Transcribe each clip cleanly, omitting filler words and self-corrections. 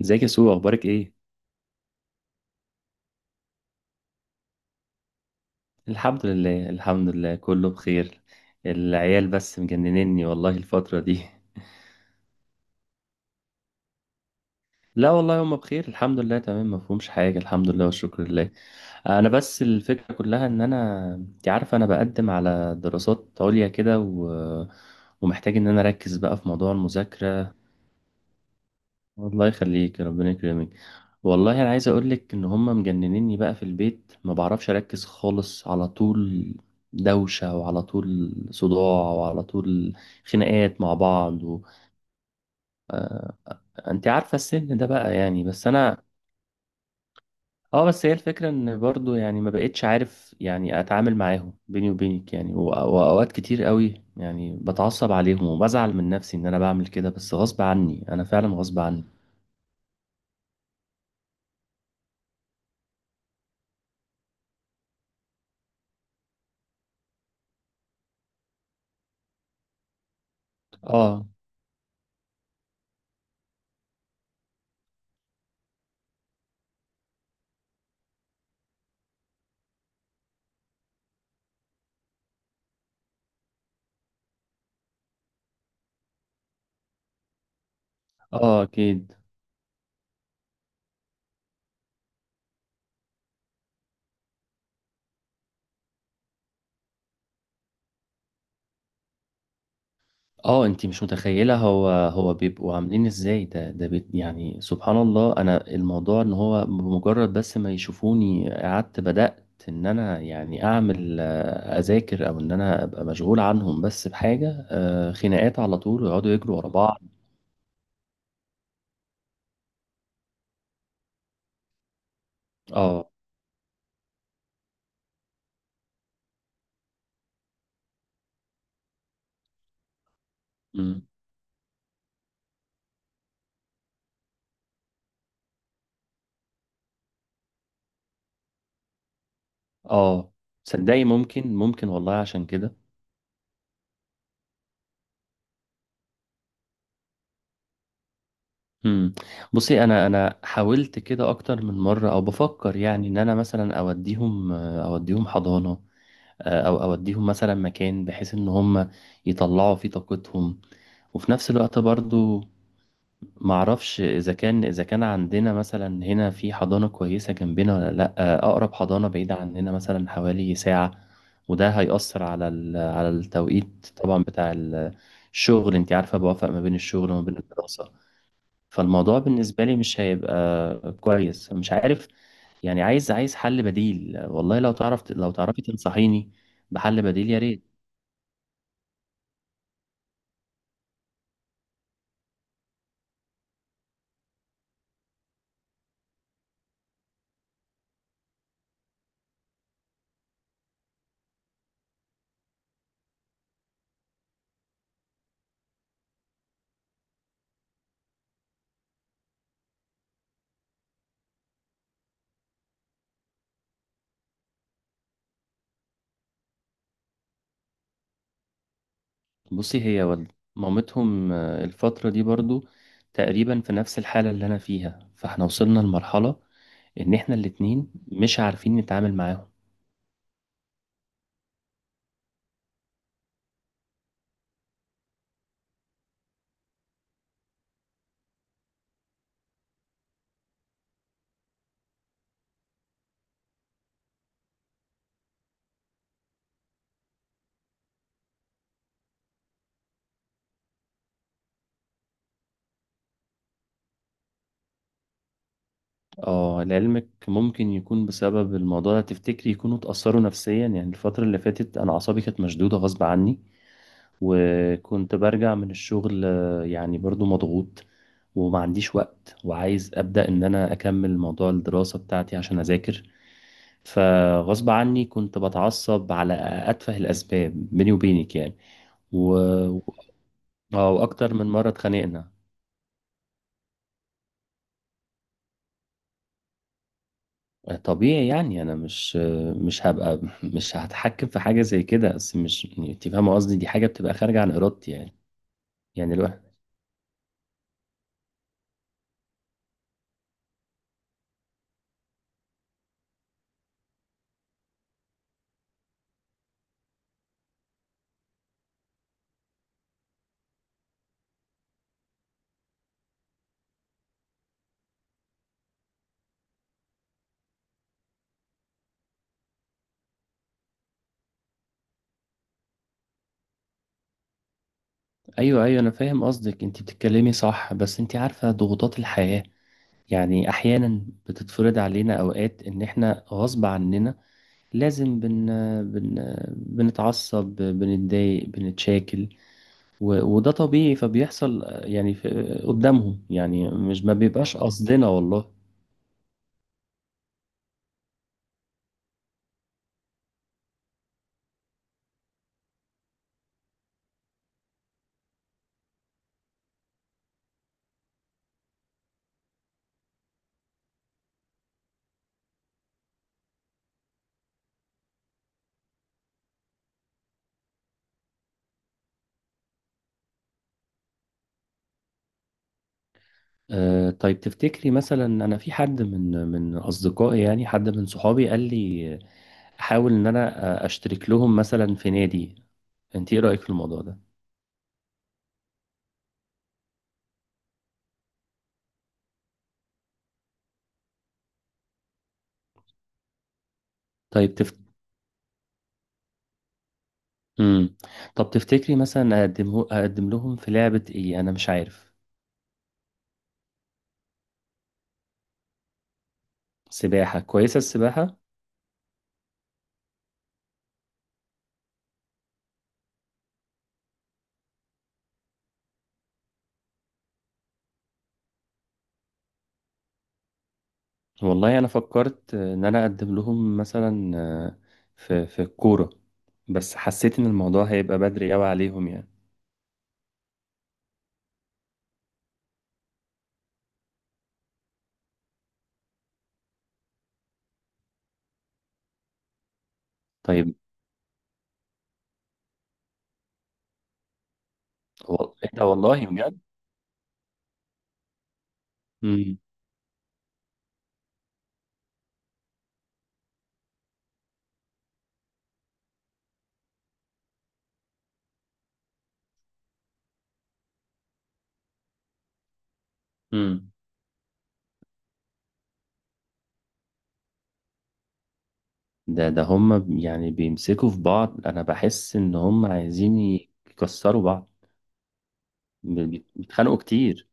ازيك يا سو؟ اخبارك ايه؟ الحمد لله، الحمد لله، كله بخير. العيال بس مجننني والله الفترة دي. لا والله هما بخير، الحمد لله، تمام، ما فيهمش حاجة، الحمد لله والشكر لله. انا بس الفكرة كلها ان انا انت عارفة انا بقدم على دراسات عليا كده ومحتاج ان انا اركز بقى في موضوع المذاكرة. الله يخليك، ربنا يكرمك. والله انا عايز اقول لك ان هم مجننيني بقى في البيت، ما بعرفش اركز خالص على طول، دوشة وعلى طول صداع وعلى طول خناقات مع بعض انت عارفة السن ده بقى، يعني بس انا اه، بس هي الفكرة ان برضو يعني ما بقتش عارف يعني اتعامل معاهم بيني وبينك يعني واوقات كتير قوي يعني بتعصب عليهم وبزعل من نفسي ان انا بعمل كده، بس غصب عني انا فعلا غصب عني. اه، اه، اكيد. اه انتي مش متخيلة هو بيبقوا عاملين ازاي، ده بيت يعني سبحان الله. انا الموضوع ان هو بمجرد بس ما يشوفوني قعدت بدأت ان انا يعني اعمل، اذاكر او ان انا ابقى مشغول عنهم بس بحاجة، خناقات على طول ويقعدوا يجروا ورا بعض. اه. امم. اه، صدقي ممكن ممكن والله عشان كده. امم. بصي، انا حاولت كده اكتر من مرة، او بفكر يعني ان انا مثلا اوديهم، اوديهم حضانة، او اوديهم مثلا مكان بحيث ان هم يطلعوا فيه طاقتهم، وفي نفس الوقت برضو معرفش اذا كان عندنا مثلا هنا في حضانة كويسة جنبنا ولا لا، اقرب حضانة بعيدة عننا مثلا حوالي ساعة، وده هيأثر على على التوقيت طبعا بتاع الشغل. انت عارفة بوافق ما بين الشغل وما بين الدراسة. فالموضوع بالنسبة لي مش هيبقى كويس، مش عارف. يعني عايز عايز حل بديل، والله لو تعرف لو تعرفي تنصحيني بحل بديل يا ريت. بصي هي والد مامتهم، الفترة دي برضو تقريبا في نفس الحالة اللي أنا فيها، فاحنا وصلنا لمرحلة إن احنا الاتنين مش عارفين نتعامل معاهم. اه لعلمك ممكن يكون بسبب الموضوع ده، تفتكري يكونوا اتأثروا نفسيا؟ يعني الفترة اللي فاتت أنا أعصابي كانت مشدودة غصب عني، وكنت برجع من الشغل، يعني برضو مضغوط، وما عنديش وقت وعايز أبدأ إن أنا أكمل موضوع الدراسة بتاعتي عشان أذاكر. فغصب عني كنت بتعصب على أتفه الأسباب بيني وبينك يعني و... آه، وأكتر من مرة اتخانقنا. طبيعي يعني أنا مش هبقى مش هتحكم في حاجة زي كده، بس مش يعني، أنت فاهمة قصدي، دي حاجة بتبقى خارجة عن إرادتي يعني. يعني الواحد. ايوه، ايوه انا فاهم قصدك، انت بتتكلمي صح، بس انت عارفه ضغوطات الحياه يعني احيانا بتتفرض علينا، اوقات ان احنا غصب عننا لازم بن بن بنتعصب بنتضايق، بنتشاكل وده طبيعي فبيحصل يعني قدامهم يعني، مش ما بيبقاش قصدنا والله. آه طيب، تفتكري مثلا انا في حد من اصدقائي يعني حد من صحابي قال لي احاول ان انا اشترك لهم مثلا في نادي، انت ايه رايك في الموضوع ده؟ طيب تف... مم. طب تفتكري مثلا اقدمه اقدم لهم في لعبة ايه، انا مش عارف. سباحة، كويسة السباحة. والله انا فكرت ان انا اقدم لهم مثلا، في الكورة، بس حسيت ان الموضوع هيبقى بدري قوي عليهم يعني. طيب. هو ايه ده والله بجد؟ مم. مم. ده هم يعني بيمسكوا في بعض، انا بحس ان هم عايزين يكسروا بعض، بيتخانقوا كتير.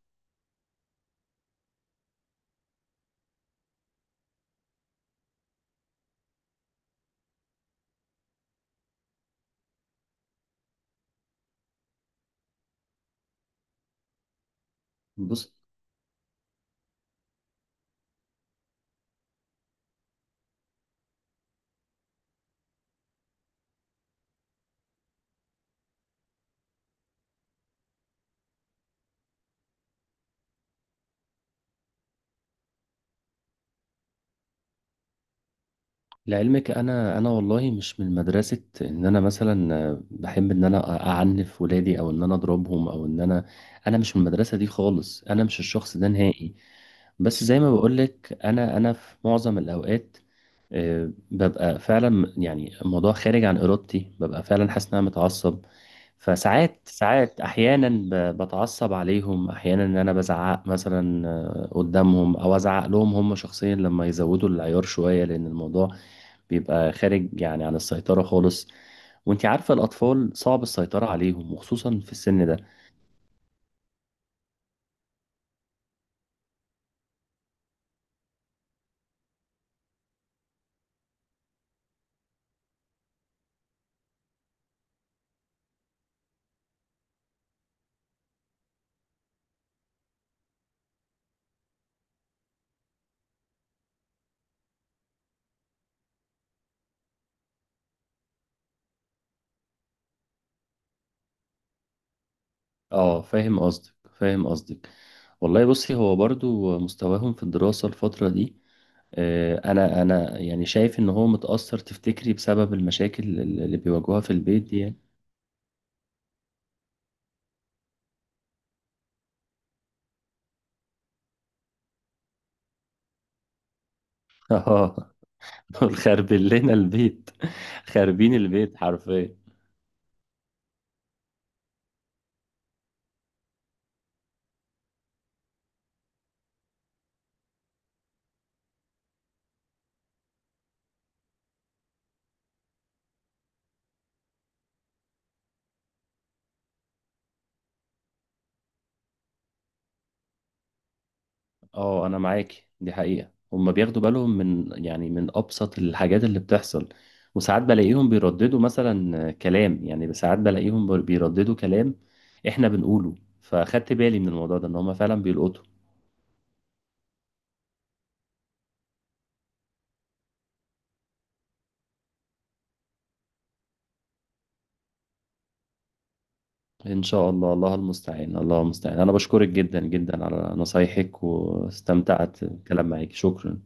بص لعلمك انا والله مش من مدرسه ان انا مثلا بحب ان انا اعنف ولادي او ان انا اضربهم او ان انا، انا مش من المدرسه دي خالص، انا مش الشخص ده نهائي. بس زي ما بقولك انا في معظم الاوقات، ببقى فعلا يعني الموضوع خارج عن ارادتي، ببقى فعلا حاسس ان انا متعصب. فساعات ساعات احيانا بتعصب عليهم احيانا ان انا بزعق مثلا، قدامهم او ازعق لهم هم شخصيا لما يزودوا العيار شويه، لان الموضوع بيبقى خارج يعني عن السيطرة خالص. وانت عارفة الأطفال صعب السيطرة عليهم وخصوصا في السن ده. اه فاهم قصدك، فاهم قصدك. والله بصي هو برضو مستواهم في الدراسة الفترة دي، انا يعني شايف ان هو متأثر، تفتكري بسبب المشاكل اللي بيواجهوها في البيت دي يعني؟ اه. دول خربين لنا البيت، خاربين البيت حرفيا. اه انا معاكي، دي حقيقة هما بياخدوا بالهم من يعني من ابسط الحاجات اللي بتحصل، وساعات بلاقيهم بيرددوا مثلا كلام، يعني ساعات بلاقيهم بيرددوا كلام احنا بنقوله، فاخدت بالي من الموضوع ده ان هما فعلا بيلقطوا. ان شاء الله، الله المستعان، الله المستعان. انا بشكرك جدا جدا على نصايحك واستمتعت بالكلام معاكي، شكرا.